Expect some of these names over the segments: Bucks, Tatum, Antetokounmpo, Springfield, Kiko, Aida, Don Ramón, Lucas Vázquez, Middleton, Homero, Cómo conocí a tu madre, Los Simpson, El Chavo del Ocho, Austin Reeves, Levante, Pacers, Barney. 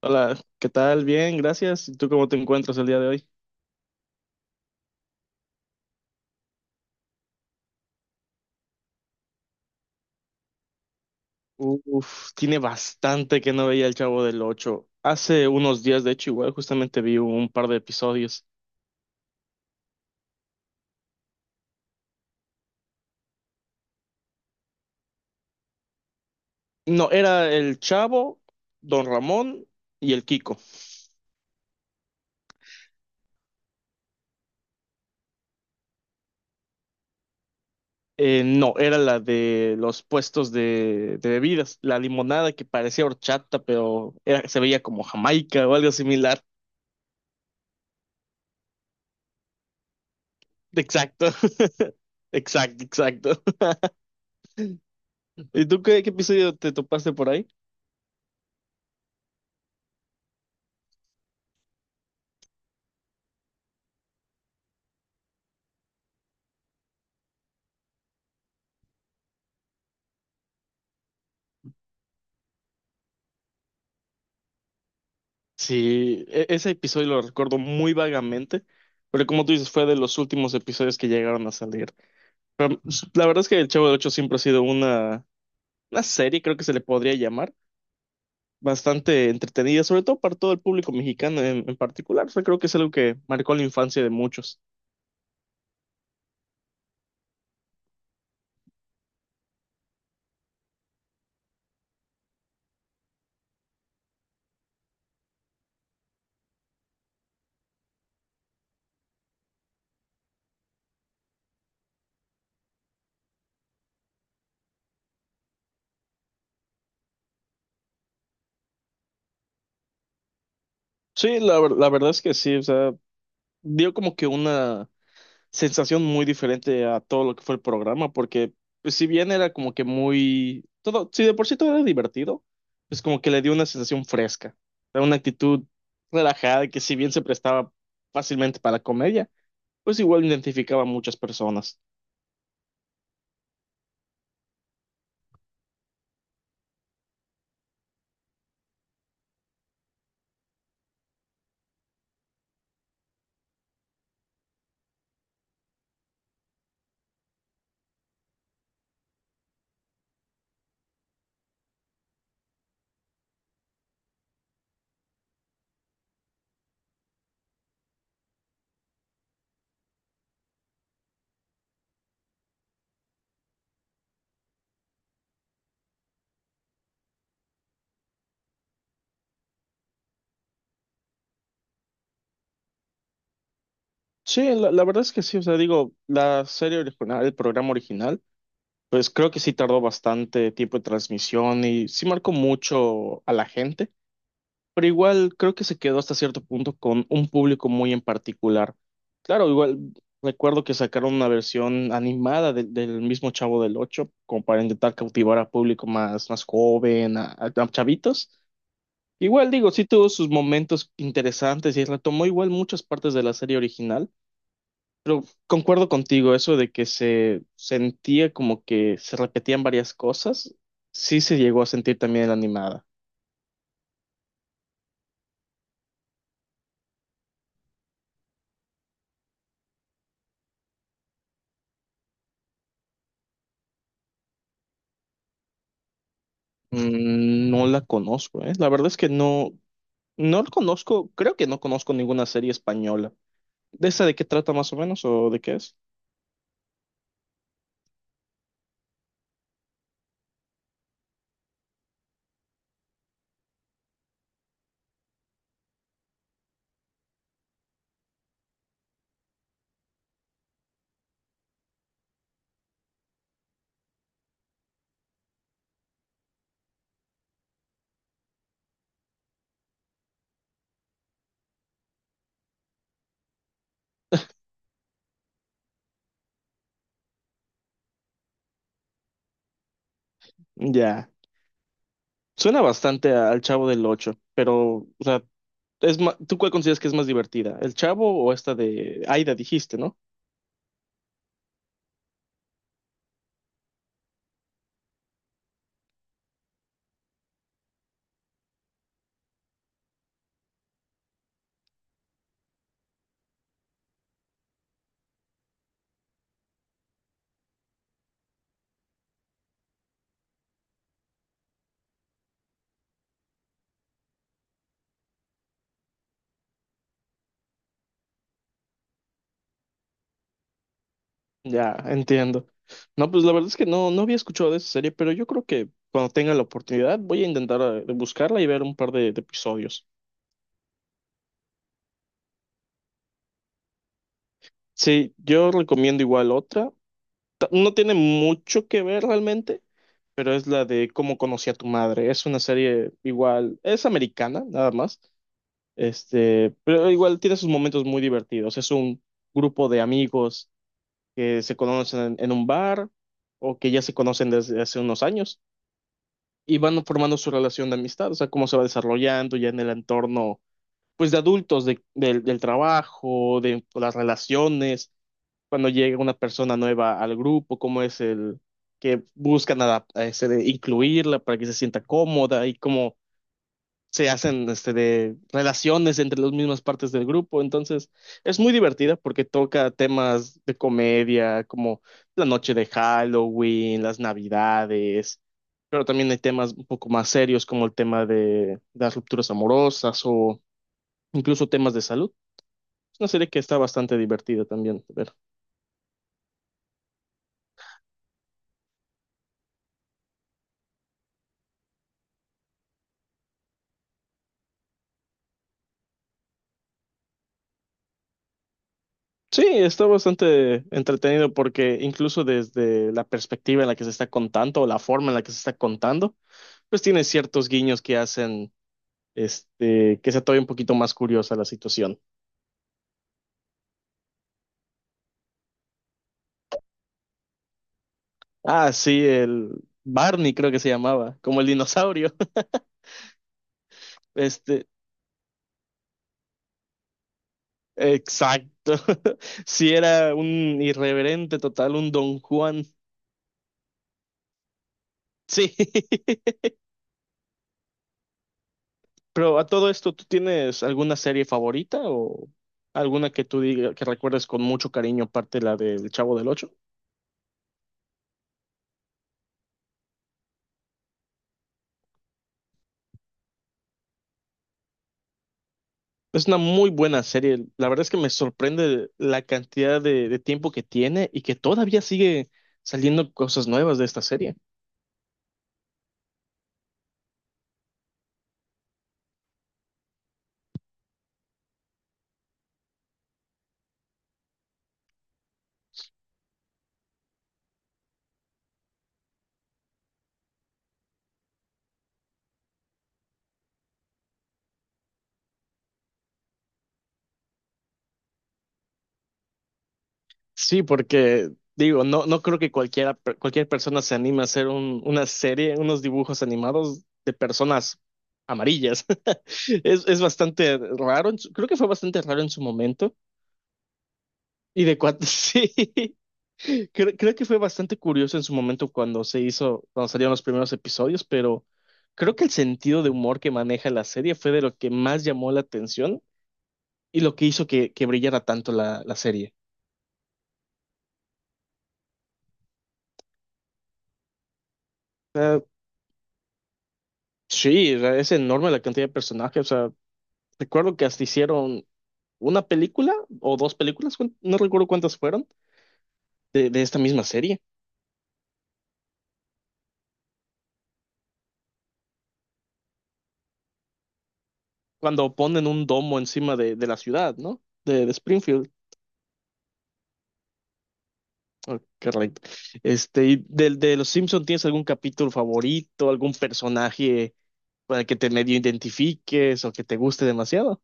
Hola, ¿qué tal? Bien, gracias. ¿Y tú cómo te encuentras el día de hoy? Uf, tiene bastante que no veía El Chavo del Ocho. Hace unos días, de hecho, igual justamente vi un par de episodios. No, era el Chavo, Don Ramón y el Kiko. No, era la de los puestos de bebidas, la limonada que parecía horchata, pero se veía como Jamaica o algo similar. Exacto, exacto, exacto. ¿Y tú qué episodio te topaste por ahí? Sí, ese episodio lo recuerdo muy vagamente, pero como tú dices, fue de los últimos episodios que llegaron a salir. La verdad es que El Chavo del Ocho siempre ha sido una serie, creo que se le podría llamar, bastante entretenida, sobre todo para todo el público mexicano en particular. O sea, creo que es algo que marcó la infancia de muchos. Sí, la verdad es que sí, o sea, dio como que una sensación muy diferente a todo lo que fue el programa, porque pues, si bien era como que muy, todo, si de por sí todo era divertido, pues como que le dio una sensación fresca, era una actitud relajada que si bien se prestaba fácilmente para la comedia, pues igual identificaba a muchas personas. Sí, la verdad es que sí, o sea, digo, la serie original, el programa original, pues creo que sí tardó bastante tiempo de transmisión y sí marcó mucho a la gente. Pero igual creo que se quedó hasta cierto punto con un público muy en particular. Claro, igual recuerdo que sacaron una versión animada del mismo Chavo del Ocho, como para intentar cautivar a público más joven, a chavitos. Igual digo, sí tuvo sus momentos interesantes y retomó igual muchas partes de la serie original, pero concuerdo contigo, eso de que se sentía como que se repetían varias cosas, sí se llegó a sentir también en la animada. Mm, no la conozco, ¿eh? La verdad es que no, no lo conozco, creo que no conozco ninguna serie española. ¿De esa de qué trata más o menos o de qué es? Ya. Suena bastante al Chavo del Ocho, pero, o sea, ¿tú cuál consideras que es más divertida? ¿El Chavo o esta de Aida, dijiste, ¿no? Ya, entiendo. No, pues la verdad es que no, no había escuchado de esa serie, pero yo creo que cuando tenga la oportunidad voy a intentar buscarla y ver un par de episodios. Sí, yo recomiendo igual otra. No tiene mucho que ver realmente, pero es la de Cómo conocí a tu madre. Es una serie igual, es americana, nada más. Este, pero igual tiene sus momentos muy divertidos. Es un grupo de amigos que se conocen en un bar o que ya se conocen desde hace unos años y van formando su relación de amistad, o sea, cómo se va desarrollando ya en el entorno, pues de adultos, del trabajo, de las relaciones cuando llega una persona nueva al grupo, cómo es el que buscan este, de incluirla para que se sienta cómoda y cómo se hacen este, de relaciones entre las mismas partes del grupo. Entonces, es muy divertida porque toca temas de comedia, como la noche de Halloween, las Navidades, pero también hay temas un poco más serios como el tema de las rupturas amorosas o incluso temas de salud. Es una serie que está bastante divertida también. De ver. Sí, está bastante entretenido porque incluso desde la perspectiva en la que se está contando o la forma en la que se está contando, pues tiene ciertos guiños que hacen este que sea todavía un poquito más curiosa la situación. Ah, sí, el Barney creo que se llamaba, como el dinosaurio. Este, exacto. Sí, era un irreverente total, un Don Juan. Sí. Pero a todo esto, ¿tú tienes alguna serie favorita o alguna que tú digas que recuerdes con mucho cariño, aparte de la del Chavo del Ocho? Es una muy buena serie. La verdad es que me sorprende la cantidad de tiempo que tiene y que todavía sigue saliendo cosas nuevas de esta serie. Sí, porque digo, no, no creo que cualquiera, cualquier persona se anime a hacer una serie, unos dibujos animados de personas amarillas. Es bastante raro, creo que fue bastante raro en su momento. Y de cuánto, sí. Creo que fue bastante curioso en su momento cuando se hizo, cuando salieron los primeros episodios, pero creo que el sentido de humor que maneja la serie fue de lo que más llamó la atención y lo que hizo que brillara tanto la serie. O sí, o sea, es enorme la cantidad de personajes. O sea, recuerdo que hasta hicieron una película o dos películas, no recuerdo cuántas fueron, de esta misma serie, cuando ponen un domo encima de la ciudad, ¿no? De Springfield. Oh, correcto. Este, y del de los Simpson, ¿tienes algún capítulo favorito, algún personaje con el que te medio identifiques o que te guste demasiado?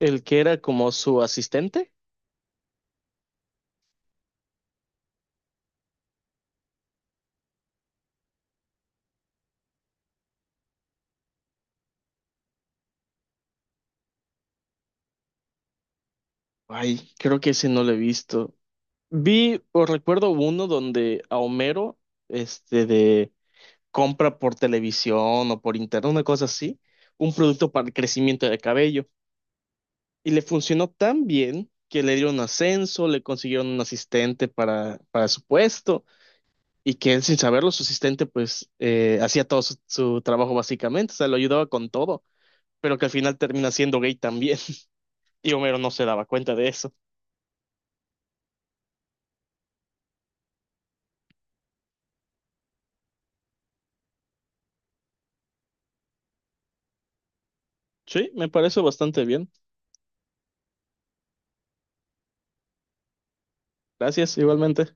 El que era como su asistente. Ay, creo que ese no lo he visto. Vi o recuerdo uno donde a Homero, este, de compra por televisión o por internet, una cosa así, un producto para el crecimiento de cabello. Y le funcionó tan bien que le dieron ascenso, le consiguieron un asistente para su puesto. Y que él, sin saberlo, su asistente, pues, hacía todo su trabajo básicamente, o sea, lo ayudaba con todo, pero que al final termina siendo gay también. Y Homero no se daba cuenta de eso. Sí, me parece bastante bien. Gracias, igualmente.